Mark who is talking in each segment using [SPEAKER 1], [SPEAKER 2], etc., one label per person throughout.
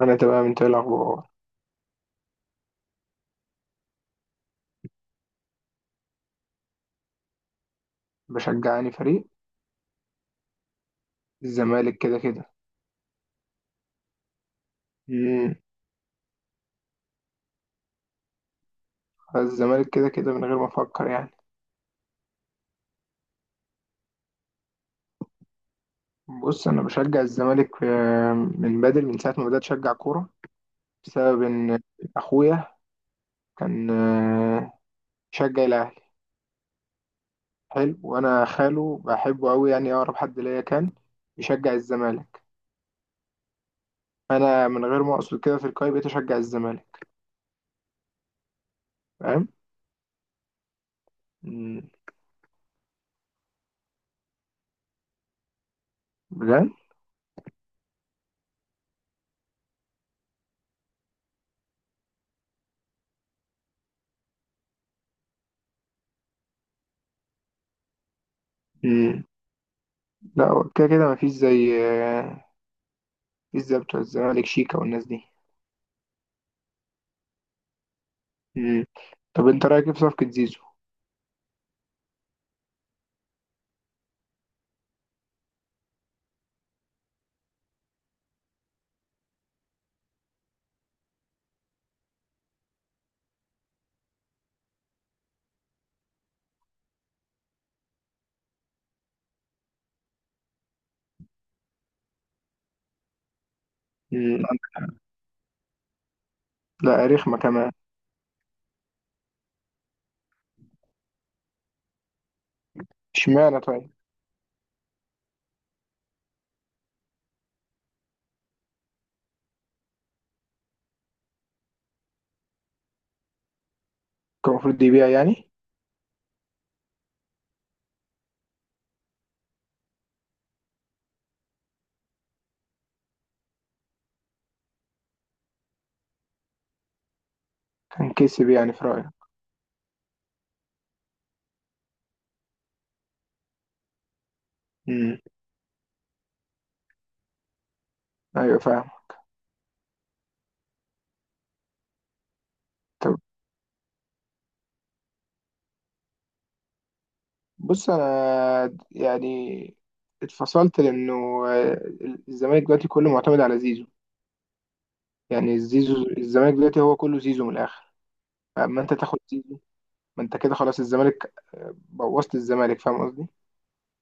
[SPEAKER 1] انا تمام. انت إيه الاخبار؟ بشجعني فريق الزمالك كده كده. امم الزمالك كده كده من غير ما افكر يعني. بص انا بشجع الزمالك من بدري، من ساعه ما بدات اشجع كوره، بسبب ان اخويا كان يشجع الاهلي، حلو وانا خاله بحبه قوي، يعني اقرب حد ليا كان يشجع الزمالك. انا من غير ما اقصد كده في القايمه بقيت اشجع الزمالك، فاهم؟ امم بجد. امم لا هو كده كده مفيش زي مفيش زي بتوع الزمالك، شيكا والناس دي. مم. طب انت رايك ايه في صفقة زيزو؟ مم. لا رخمة كمان. اشمعنى طيب؟ كان المفروض يبيع يعني؟ كان كسب يعني في رأيك؟ مم. ايوه فاهم. طب بص، انا يعني اتفصلت، لانه آه، الزمالك دلوقتي كله معتمد على زيزو. يعني زيزو، الزمالك دلوقتي هو كله زيزو من الاخر. فاما انت تاخد زيزو، ما انت كده خلاص الزمالك بوظت الزمالك، فاهم قصدي؟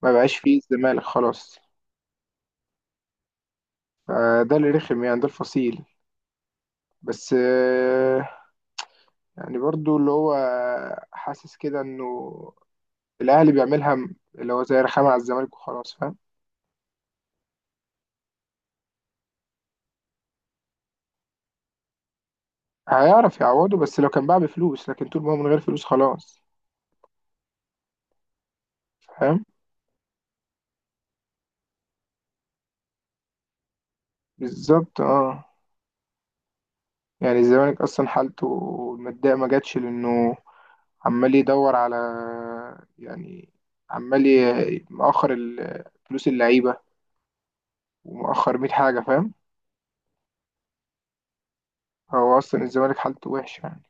[SPEAKER 1] ما بقاش فيه الزمالك خلاص. فده اللي رخم يعني، ده الفصيل. بس آه، يعني برضو اللي هو حاسس كده انه الاهلي بيعملها اللي هو زي رخامه على الزمالك وخلاص، فاهم؟ هيعرف يعوضه بس لو كان باع بفلوس، لكن طول ما هو من غير فلوس خلاص. فاهم، بالظبط اه. يعني الزمالك اصلا حالته الماديه ما جاتش، لانه عمال يدور على، يعني عمال مؤخر فلوس اللعيبه، ومؤخر 100 حاجه، فاهم. هو اصلا الزمالك حالته وحشه يعني.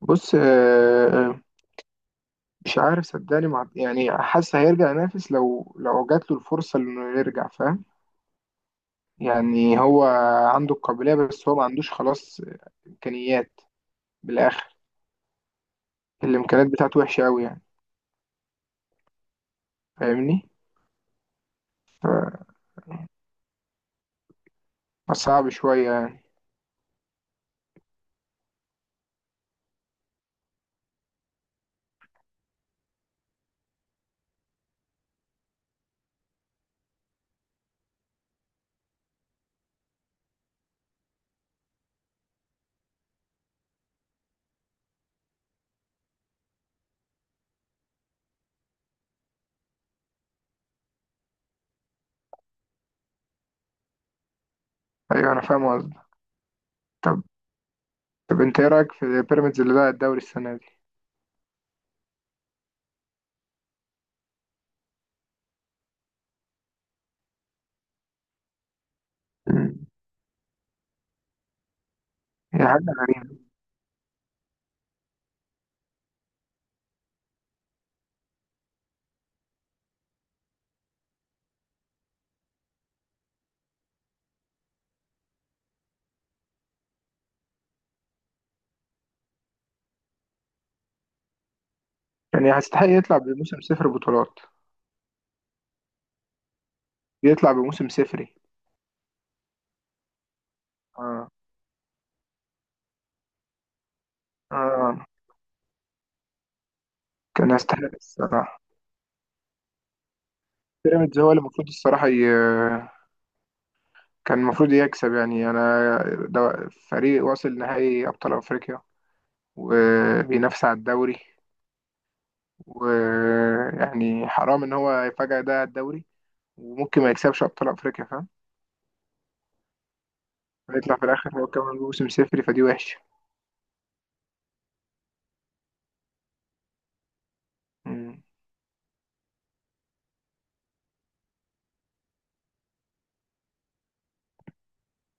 [SPEAKER 1] بص مش عارف صدقني، مع يعني حاسس هيرجع ينافس لو جات له الفرصة انه يرجع، فاهم؟ يعني هو عنده القابلية، بس هو ما عندوش خلاص امكانيات. بالاخر الامكانيات بتاعته وحشة قوي يعني، فاهمني؟ فصعب شوية يعني. ايوه انا فاهم قصدك. طب طب انت ايه رايك في بيراميدز اللي بقى الدوري السنة دي؟ مم. هي حاجة غريبة. يعني هيستحق يطلع بموسم صفر بطولات، يطلع بموسم صفري. اه اه كان يستحق الصراحة. بيراميدز هو اللي المفروض الصراحة ي... كان المفروض يكسب يعني. انا ده فريق واصل نهائي ابطال افريقيا، وبينافس على الدوري. ويعني حرام ان هو يفاجئ ده على الدوري، وممكن ما يكسبش ابطال افريقيا، فاهم؟ هيطلع في الاخر هو كمان موسم صفري، فدي وحشه. مم.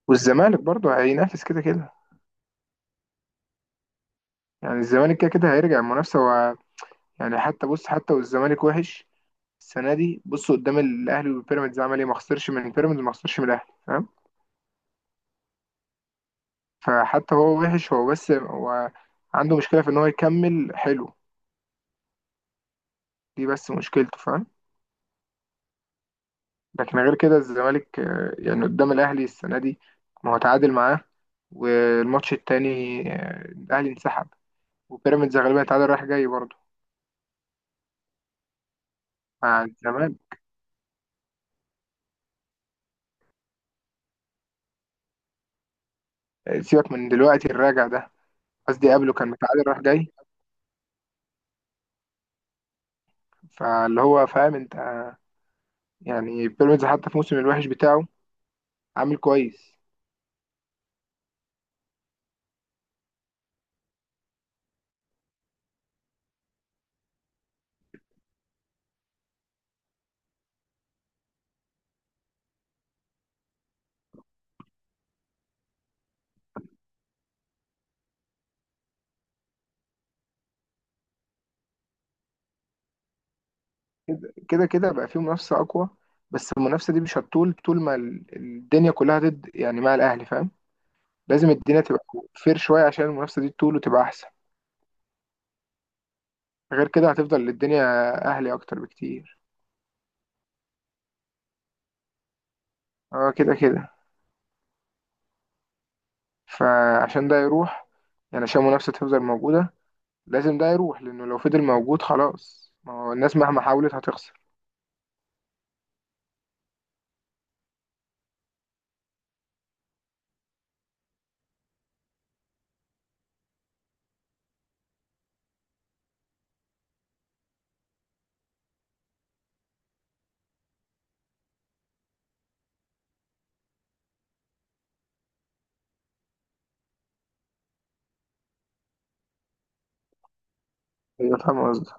[SPEAKER 1] والزمالك برضه هينافس كده كده. يعني الزمالك كده كده هيرجع المنافسه و... يعني حتى بص، حتى والزمالك وحش السنه دي، بص قدام الاهلي والبيراميدز عمل ايه؟ ما خسرش من بيراميدز، ما خسرش من الاهلي. فحتى هو وحش، هو بس هو عنده مشكلة في إن هو يكمل حلو، دي بس مشكلته، فاهم؟ لكن غير كده الزمالك يعني قدام الأهلي السنة دي، ما هو تعادل معاه، والماتش التاني الأهلي انسحب. وبيراميدز غالبا تعادل رايح جاي برضه مع الزمالك. سيبك من دلوقتي الراجع ده، قصدي قبله كان متعادل رايح جاي. فاللي هو فاهم أنت يعني بيراميدز حتى في موسم الوحش بتاعه عامل كويس. كده كده بقى فيه منافسة أقوى، بس المنافسة دي مش هتطول طول ما الدنيا كلها ضد يعني، مع الأهلي، فاهم؟ لازم الدنيا تبقى فير شوية عشان المنافسة دي تطول وتبقى أحسن. غير كده هتفضل الدنيا أهلي أكتر بكتير. اه كده كده. فعشان ده يروح، يعني عشان المنافسة تفضل موجودة، لازم ده يروح، لأنه لو فضل موجود خلاص ما هو الناس مهما حاولت هتخسر. أيوة فاهم قصدي.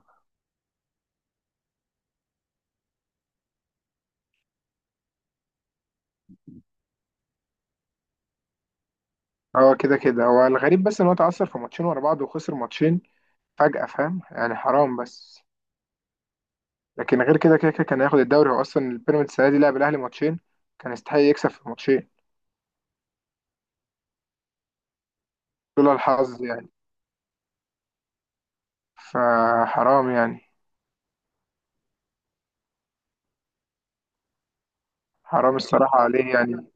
[SPEAKER 1] اه كده كده هو الغريب، بس إن هو اتعثر في ماتشين ورا بعض، وخسر ماتشين فجأة، فاهم يعني، حرام بس. لكن غير كده كده كان هياخد الدوري. هو اصلا البيراميدز السنه دي لعب الاهلي ماتشين، كان يستحق يكسب في الماتشين، لولا الحظ يعني. فحرام يعني، حرام الصراحه عليه يعني.